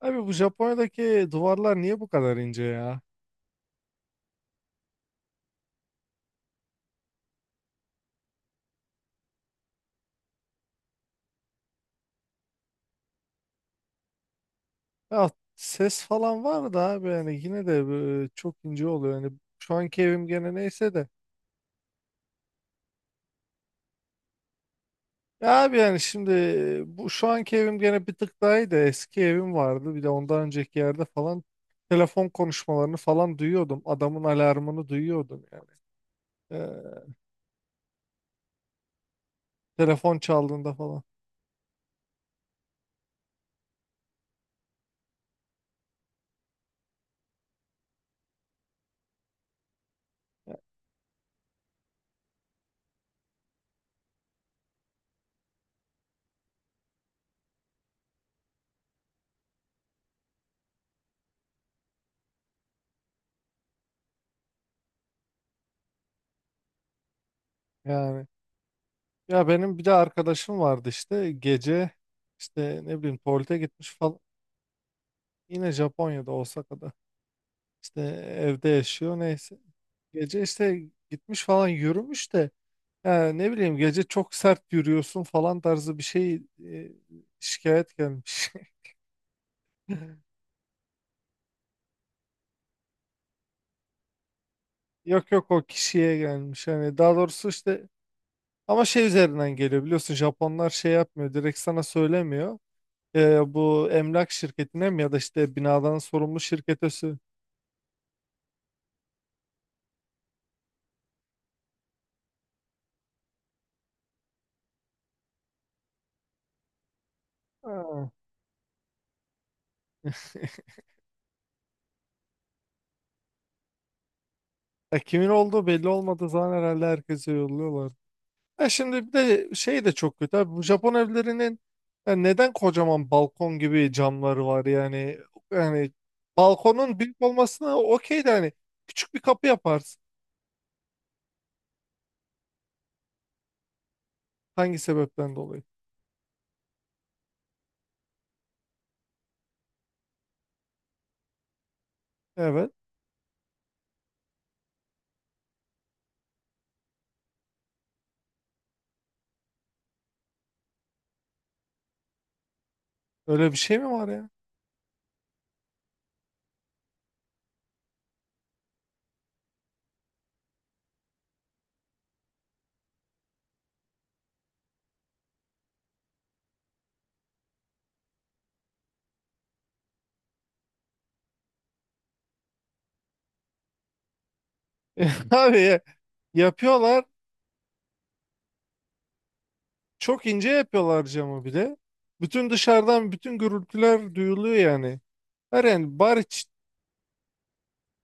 Abi bu Japonya'daki duvarlar niye bu kadar ince ya? Ya ses falan var da abi yani yine de çok ince oluyor. Yani şu anki evim gene neyse de. Ya abi yani şimdi bu şu anki evim gene bir tık daha iyi de eski evim vardı. Bir de ondan önceki yerde falan telefon konuşmalarını falan duyuyordum. Adamın alarmını duyuyordum yani. Ee, telefon çaldığında falan yani. Ya benim bir de arkadaşım vardı işte gece işte ne bileyim tuvalete gitmiş falan. Yine Japonya'da Osaka'da. İşte evde yaşıyor neyse. Gece işte gitmiş falan yürümüş de ya ne bileyim gece çok sert yürüyorsun falan tarzı bir şey şikayet gelmiş. Yok yok o kişiye gelmiş hani daha doğrusu işte ama şey üzerinden geliyor biliyorsun Japonlar şey yapmıyor direkt sana söylemiyor. E, bu emlak şirketine mi ya da işte binadan sorumlu şirkete Ha. Ya kimin olduğu belli olmadığı zaman herhalde herkese yolluyorlar. Ya şimdi bir de şey de çok kötü abi. Bu Japon evlerinin ya neden kocaman balkon gibi camları var yani? Yani balkonun büyük olmasına okey de hani küçük bir kapı yaparsın. Hangi sebepten dolayı? Evet. Öyle bir şey mi var ya? Abi yapıyorlar. Çok ince yapıyorlar camı bile. Bütün dışarıdan bütün gürültüler duyuluyor yani. Her yani bari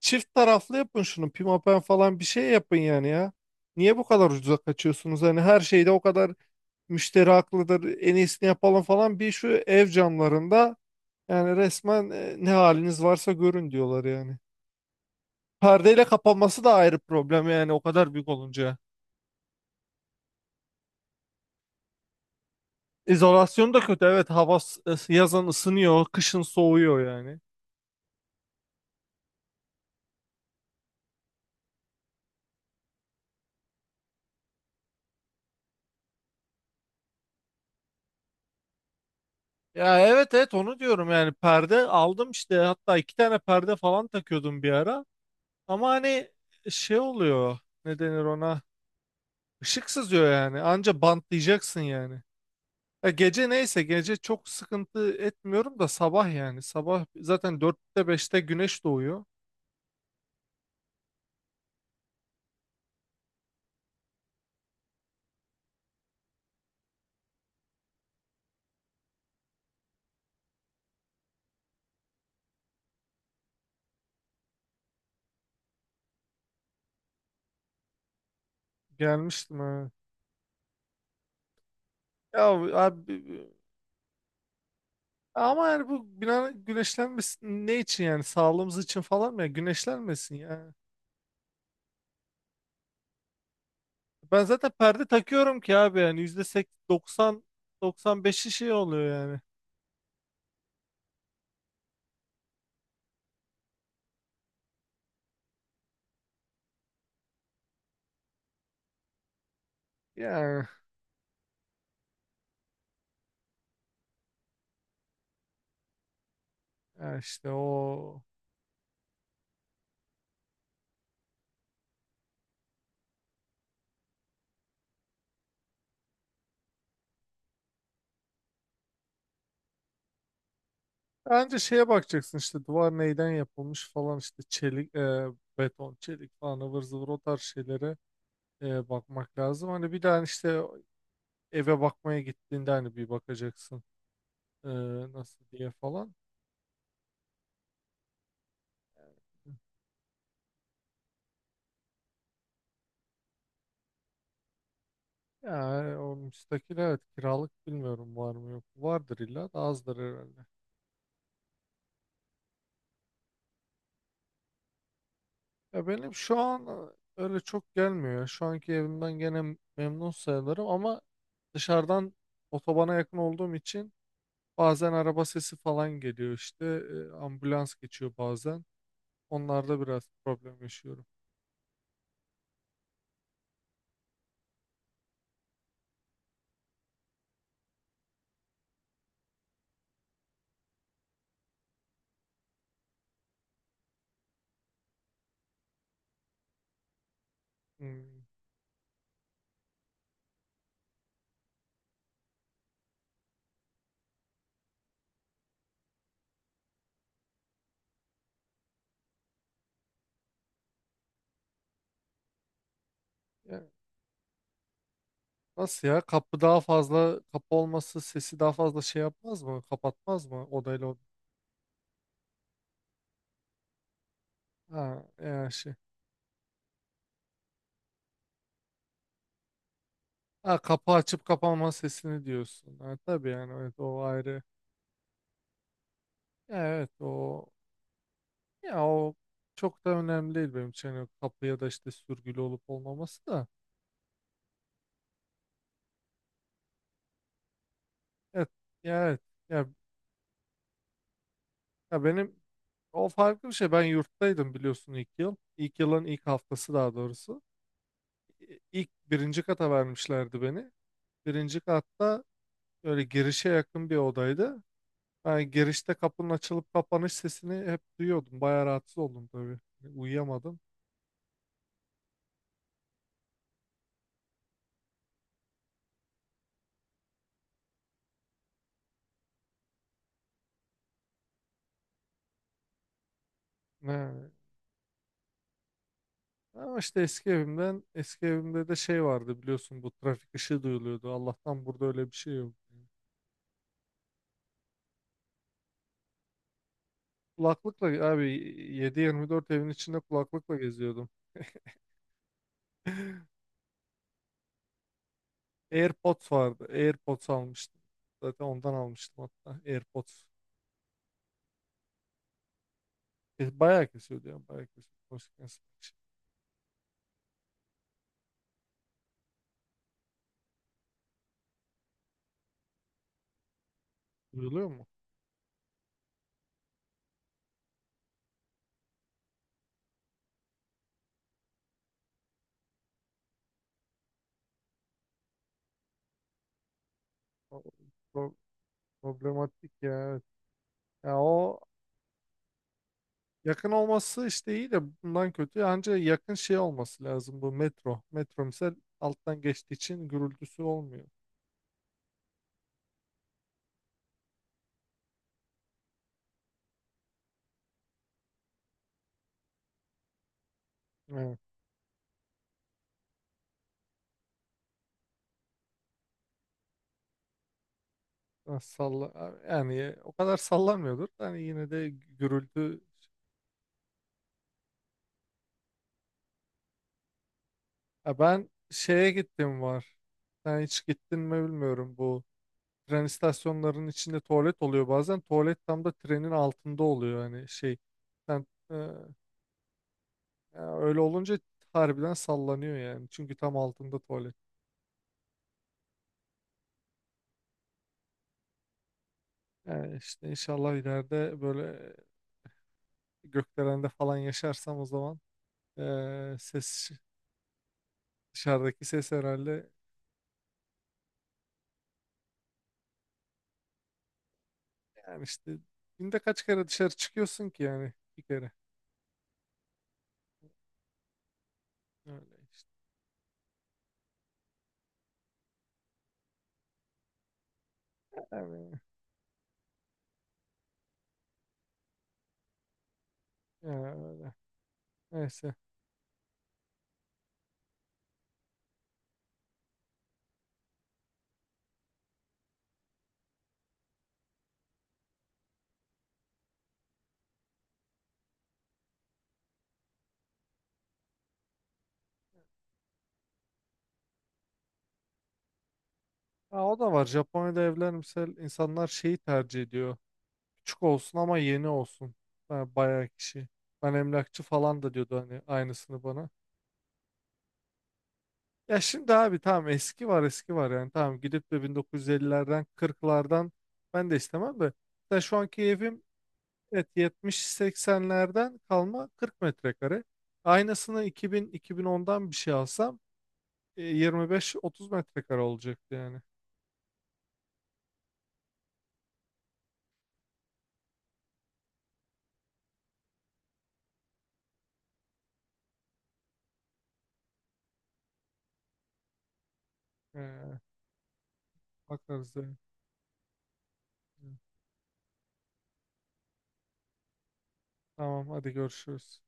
çift taraflı yapın şunu. Pimapen falan bir şey yapın yani ya. Niye bu kadar ucuza kaçıyorsunuz? Hani her şeyde o kadar müşteri haklıdır. En iyisini yapalım falan. Bir şu ev camlarında yani resmen ne haliniz varsa görün diyorlar yani. Perdeyle kapanması da ayrı problem yani o kadar büyük olunca. İzolasyon da kötü. Evet yazın ısınıyor, kışın soğuyor yani. Ya evet evet onu diyorum yani perde aldım işte hatta iki tane perde falan takıyordum bir ara. Ama hani şey oluyor. Ne denir ona? Işık sızıyor yani. Anca bantlayacaksın yani. Ya gece neyse gece çok sıkıntı etmiyorum da sabah yani. Sabah zaten dörtte beşte güneş doğuyor. Gelmiştim ha. Ya abi ama yani bu bina güneşlenmesin ne için yani sağlığımız için falan mı ya güneşlenmesin ya. Ben zaten perde takıyorum ki abi yani yüzde seksen doksan 95'i şey oluyor yani. Yani, yani, işte o bence şeye bakacaksın işte duvar neyden yapılmış falan işte çelik, beton, çelik falan ıvır zıvır o tarz şeylere bakmak lazım. Hani bir daha işte eve bakmaya gittiğinde hani bir bakacaksın e, nasıl diye falan. Yani o müstakil evet kiralık bilmiyorum var mı yok mu? Vardır illa da azdır herhalde. Ya benim şu an öyle çok gelmiyor ya. Şu anki evimden gene memnun sayılırım ama dışarıdan otobana yakın olduğum için bazen araba sesi falan geliyor işte. Ambulans geçiyor bazen. Onlarda biraz problem yaşıyorum. Hmm. Ya, nasıl ya? Kapı daha fazla, kapı olması sesi daha fazla şey yapmaz mı? Kapatmaz mı? Odayla od Ha, yani şey. Ha, kapı açıp kapanma sesini diyorsun. Ha, tabii yani evet o ayrı. Ya, evet o ya o çok da önemli değil benim için. Yani kapı ya da işte sürgülü olup olmaması da. Evet. Ya, evet. Ya Ya benim o farklı bir şey. Ben yurttaydım biliyorsun ilk yıl. İlk yılın ilk haftası daha doğrusu. İlk birinci kata vermişlerdi beni. Birinci katta böyle girişe yakın bir odaydı. Ben girişte kapının açılıp kapanış sesini hep duyuyordum. Bayağı rahatsız oldum tabii. Hani uyuyamadım. Ne- Ama işte eski evimden, eski evimde de şey vardı biliyorsun bu trafik ışığı duyuluyordu. Allah'tan burada öyle bir şey yok. Kulaklıkla abi 7 dört evin içinde kulaklıkla geziyordum. AirPods vardı. AirPods almıştım. Zaten ondan almıştım hatta. AirPods. E, bayağı kesiyordu ya. Bayağı kesiyordu. Konuşurken sıkıntı şey duyuluyor mu? O- pro- Problematik ya. Evet. Ya o yakın olması işte iyi de bundan kötü. Ancak yakın şey olması lazım bu metro. Metro misal alttan geçtiği için gürültüsü olmuyor. Evet. Ha, Salla yani o kadar sallamıyordur. Yani yine de gürültü. Ya ben şeye gittim var. Sen hiç gittin mi bilmiyorum bu. Tren istasyonlarının içinde tuvalet oluyor bazen. Tuvalet tam da trenin altında oluyor yani şey. Sen, e, ya öyle olunca harbiden sallanıyor yani. Çünkü tam altında tuvalet. Yani işte inşallah ileride böyle gökdelende falan yaşarsam o zaman ses dışarıdaki ses herhalde yani işte günde kaç kere dışarı çıkıyorsun ki yani bir kere. Öyle işte. Yani, yani, öyle. Neyse. Ha, o da var. Japonya'da evler mesela insanlar şeyi tercih ediyor. Küçük olsun ama yeni olsun. Ha, bayağı kişi. Ben emlakçı falan da diyordu hani aynısını bana. Ya şimdi abi tamam eski var eski var yani tamam gidip de 1950'lerden 40'lardan ben de istemem de. Mesela şu anki evim evet 70-80'lerden kalma 40 metrekare. Aynısını 2000-2010'dan bir şey alsam e, 25-30 metrekare olacaktı yani. Ee, bakarız yani. Tamam hadi görüşürüz.